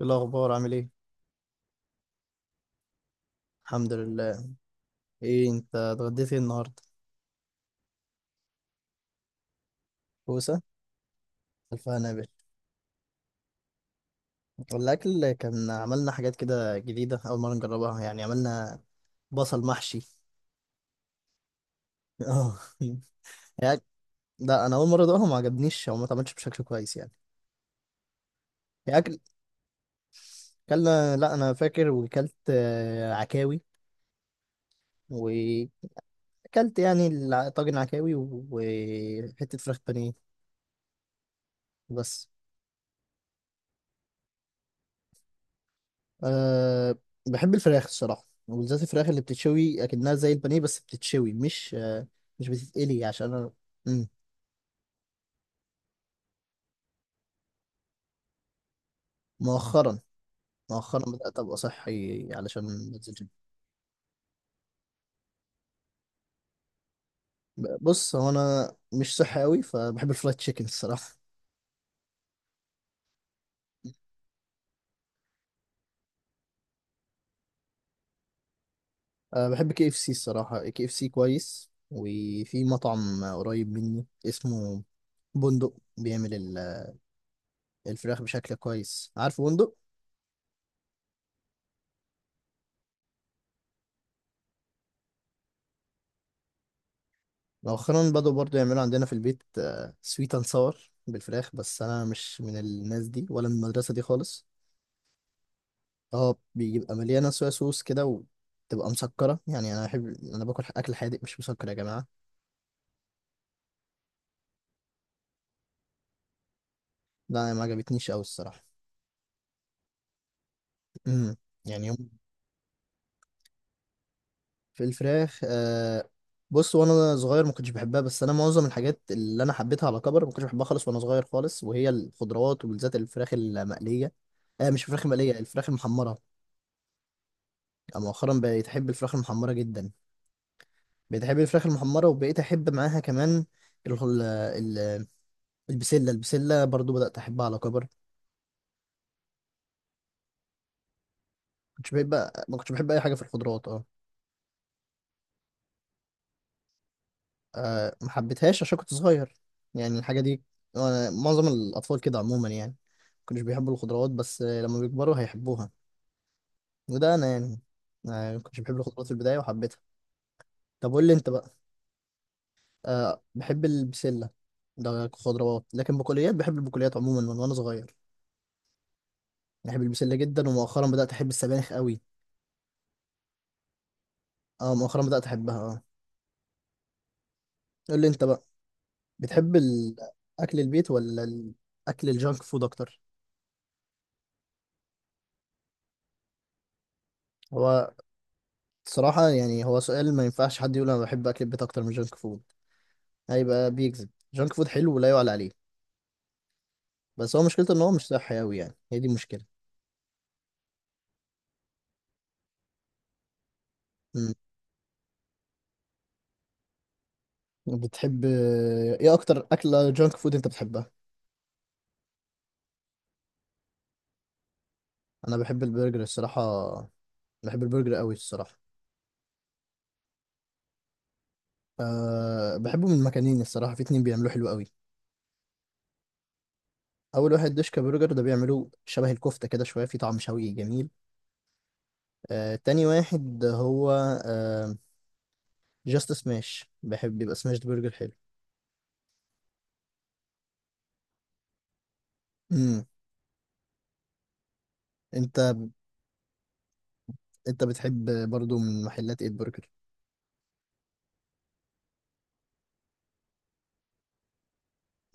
إيه الأخبار عامل إيه؟ الحمد لله. إيه أنت اتغديت إيه النهاردة؟ كوسة؟ ألف هنا يا باشا. الأكل كان عملنا حاجات كده جديدة أول مرة نجربها يعني عملنا بصل محشي. آه يعني، لا أنا أول مرة أدوقها ما عجبنيش أو ما اتعملش بشكل كويس يعني. هي أكل أكلنا، لا أنا فاكر وكلت عكاوي، وأكلت يعني طاجن عكاوي وحتة فراخ بانيه بس. أه، بحب الفراخ الصراحة وبالذات الفراخ اللي بتتشوي أكنها زي البانيه، بس بتتشوي مش بتتقلي عشان أنا. مم. مؤخرا مؤخرا بدأت أبقى صحي علشان بنزل جيم. بص، هو أنا مش صحي أوي فبحب الفرايد تشيكن الصراحة. أه، بحب KFC الصراحة، KFC كويس، وفي مطعم قريب مني اسمه بندق بيعمل الفراخ بشكل كويس. عارف بندق؟ مؤخرا بدأوا برضو يعملوا عندنا في البيت سويت اند ساور بالفراخ، بس انا مش من الناس دي ولا من المدرسه دي خالص. اه، بيبقى مليانه صويا صوص كده وتبقى مسكره، يعني انا باكل اكل حادق مش مسكر يا جماعه. لا، أنا ما عجبتنيش قوي الصراحه. امم يعني في الفراخ. بص، وانا صغير ما كنتش بحبها، بس انا معظم الحاجات اللي انا حبيتها على كبر ما كنتش بحبها خالص وانا صغير خالص، وهي الخضروات وبالذات الفراخ المقليه. مش الفراخ المقليه، الفراخ المحمره. مؤخرا بقيت احب الفراخ المحمره جدا. بتحب الفراخ المحمرة، وبقيت أحب معاها كمان ال- ال- ال- البسلة برضو بدأت أحبها على كبر. كنتش بحب ما كنتش بحب أي حاجة في الخضروات اه. آه، ما حبيتهاش عشان كنت صغير يعني. الحاجة دي، معظم الأطفال كده عموما يعني ما كانوش بيحبوا الخضروات، بس لما بيكبروا هيحبوها. وده أنا يعني، ما كنتش بحب الخضروات في البداية وحبيتها. طب قول لي أنت بقى. أه، بحب البسلة. ده خضروات لكن بقوليات، بحب البقوليات عموما من وأنا صغير. بحب البسلة جدا، ومؤخرا بدأت أحب السبانخ قوي. اه، مؤخرا بدأت احبها اه. قول لي انت بقى، بتحب اكل البيت ولا اكل الجانك فود اكتر؟ هو صراحة يعني هو سؤال ما ينفعش حد يقول انا بحب اكل البيت اكتر من جانك فود، هيبقى بيكذب. جانك فود حلو ولا يعلى عليه. بس هو مشكلته ان هو مش صحي قوي، يعني هي دي المشكلة. مم. بتحب، ايه اكتر اكلة جانك فود انت بتحبها؟ انا بحب البرجر الصراحة، بحب البرجر قوي الصراحة. أه، بحبه من مكانين الصراحة، في اتنين بيعملوه حلو قوي. اول واحد دوشكا برجر، ده بيعملوه شبه الكفته كده، شويه في طعم شوي جميل. تاني واحد هو آه جاست سماش، بحب يبقى سماش برجر حلو. امم. انت انت بتحب برضو من محلات ايه البرجر؟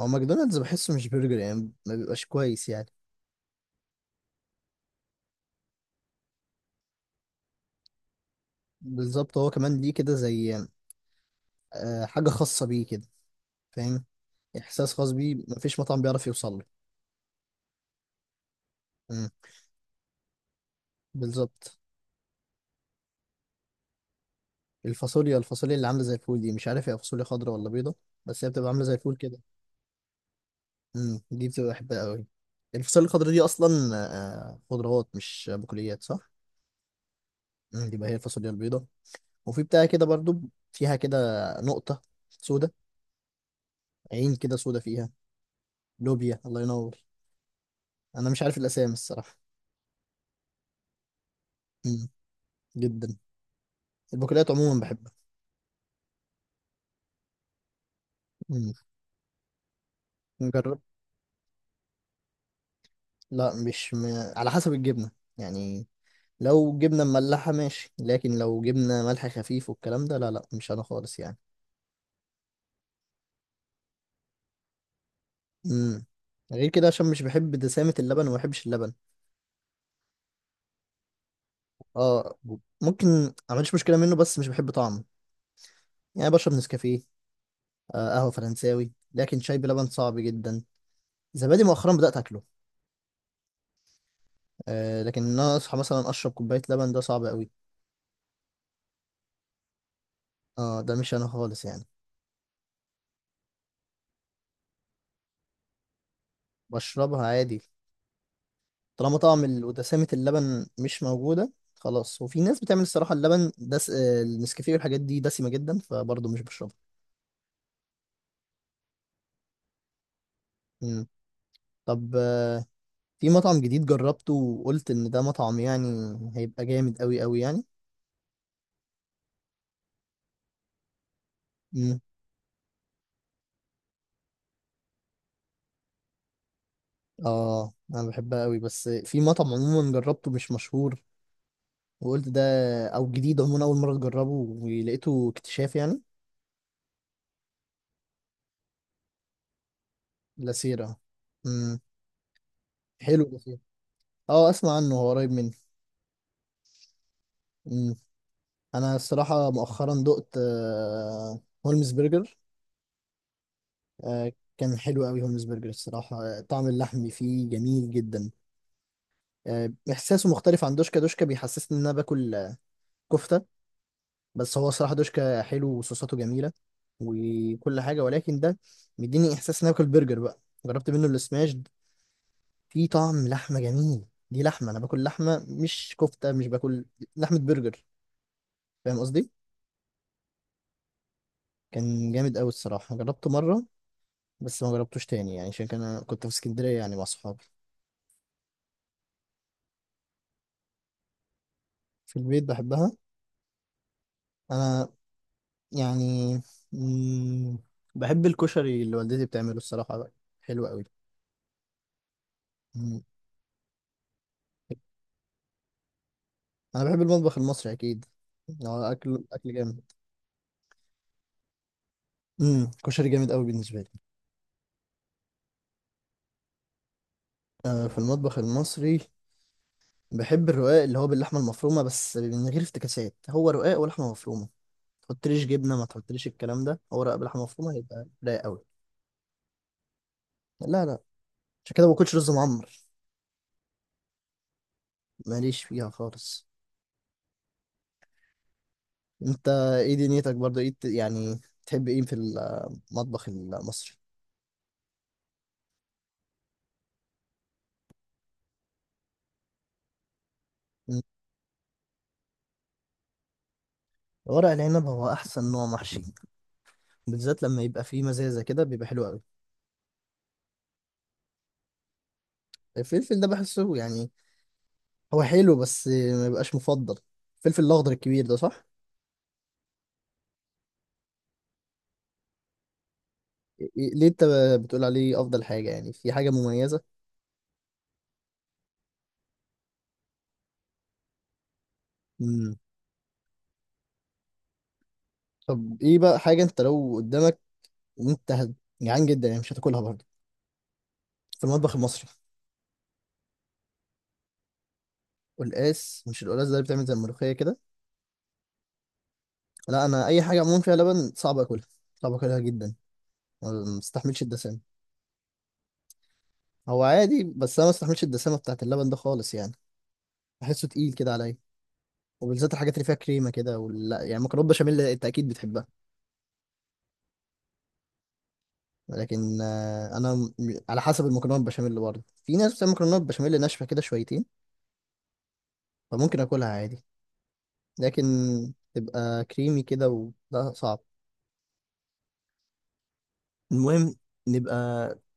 هو ماكدونالدز بحسه مش برجر يعني، ما بيبقاش كويس يعني. بالظبط، هو كمان ليه كده زي حاجه خاصه بيه كده، فاهم. احساس خاص بيه مفيش مطعم بيعرف يوصل له. امم، بالظبط. الفاصوليا اللي عامله زي الفول دي، مش عارف هي فاصوليا خضراء ولا بيضه، بس هي بتبقى عامله زي الفول كده. امم، دي بتبقى بحبها قوي، الفاصوليا الخضراء دي اصلا. آه، خضروات مش بقوليات، صح. امم، دي بقى هي الفاصوليا البيضاء، وفي بتاع كده برضو فيها كده نقطة سودة، عين كده سودة فيها. لوبيا، الله ينور، انا مش عارف الاسامي الصراحة. امم، جدا، البقوليات عموما بحبها. امم. جربت، لا مش على حسب الجبنة يعني. لو جبنة مملحة ماشي، لكن لو جبنة ملح خفيف والكلام ده، لا لا، مش انا خالص يعني. امم، غير كده عشان مش بحب دسامة اللبن وما بحبش اللبن. اه، ممكن ما عنديش مشكله منه، بس مش بحب طعمه. يعني بشرب نسكافيه، قهوه فرنساوي، لكن شاي بلبن صعب جدا. زبادي مؤخرا بدات اكله. لكن ان انا اصحى مثلا اشرب كوبايه لبن ده صعب قوي. اه، ده مش انا خالص يعني. بشربها عادي، طالما طعم ودسامه اللبن مش موجوده خلاص. وفي ناس بتعمل الصراحه اللبن دس، النسكافيه والحاجات دي دسمه جدا، فبرضه مش بشربها. مم. طب، في مطعم جديد جربته وقلت ان ده مطعم يعني هيبقى جامد قوي قوي يعني. اه، انا بحبها قوي، بس في مطعم عموما جربته مش مشهور، وقلت ده، او جديد عموما اول مره اجربه ولقيته اكتشاف يعني. لاسيرا، امم حلو لاسيرا. اه، اسمع عنه، هو قريب مني. امم. انا الصراحه مؤخرا دقت هولمز برجر. آه، كان حلو قوي هولمز برجر الصراحه، طعم اللحم فيه جميل جدا. احساسه مختلف عن دوشكا. دوشكا بيحسسني ان انا باكل كفته، بس هو الصراحه دوشكا حلو وصوصاته جميله وكل حاجه، ولكن ده مديني احساس ان أنا باكل برجر بقى. جربت منه السماش، في طعم لحمه جميل. دي لحمه، انا باكل لحمه مش كفته، مش باكل لحمه برجر، فاهم قصدي. كان جامد قوي الصراحه، جربته مره بس ما جربتوش تاني يعني عشان انا كنت في اسكندريه يعني مع صحابي. في البيت بحبها انا يعني. مم، بحب الكشري اللي والدتي بتعمله الصراحه بقى، حلو قوي. انا بحب المطبخ المصري اكيد، هو اكل، اكل جامد. امم، كشري جامد قوي بالنسبه لي. آه، في المطبخ المصري بحب الرقاق، اللي هو باللحمه المفرومه، بس من غير افتكاسات، هو رقاق ولحمه مفرومه، ما تحطليش جبنه ما تحطليش الكلام ده، هو رقاق بلحمه مفرومه يبقى رايق قوي. لا لا، عشان كده ما باكلش رز معمر. ماليش فيها خالص. انت ايه دنيتك برضه؟ ايه يعني تحب ايه في المطبخ المصري؟ مم. ورق العنب هو احسن نوع محشي، بالذات لما يبقى فيه مزازه كده بيبقى حلو قوي. الفلفل ده بحسه يعني هو حلو، بس ما يبقاش مفضل. الفلفل الاخضر الكبير ده، صح؟ إيه، ليه انت بتقول عليه افضل حاجه، يعني في حاجه مميزه؟ امم. طب، ايه بقى حاجه انت لو قدامك وانت جعان جدا يعني مش هتاكلها برضه في المطبخ المصري؟ قلقاس، مش القلقاس ده اللي بتعمل زي الملوخيه كده؟ لا، انا اي حاجه عموما فيها لبن صعب اكلها، صعب اكلها جدا، ما بستحملش الدسامه. هو عادي بس انا ما بستحملش الدسامه بتاعت اللبن ده خالص يعني. بحسه تقيل كده عليا، وبالذات الحاجات اللي فيها كريمه كده، ولا يعني مكرونه بشاميل انت اكيد بتحبها. لكن انا على حسب المكرونه البشاميل، اللي برضه في ناس بتعمل مكرونه بشاميل ناشفه كده شويتين فممكن اكلها عادي، لكن تبقى كريمي كده وده صعب. المهم، نبقى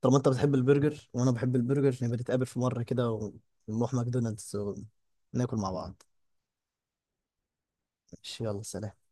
طالما انت بتحب البرجر وانا بحب البرجر، نبقى نتقابل في مره كده ونروح ماكدونالدز وناكل مع بعض. ماشي، يلا سلام.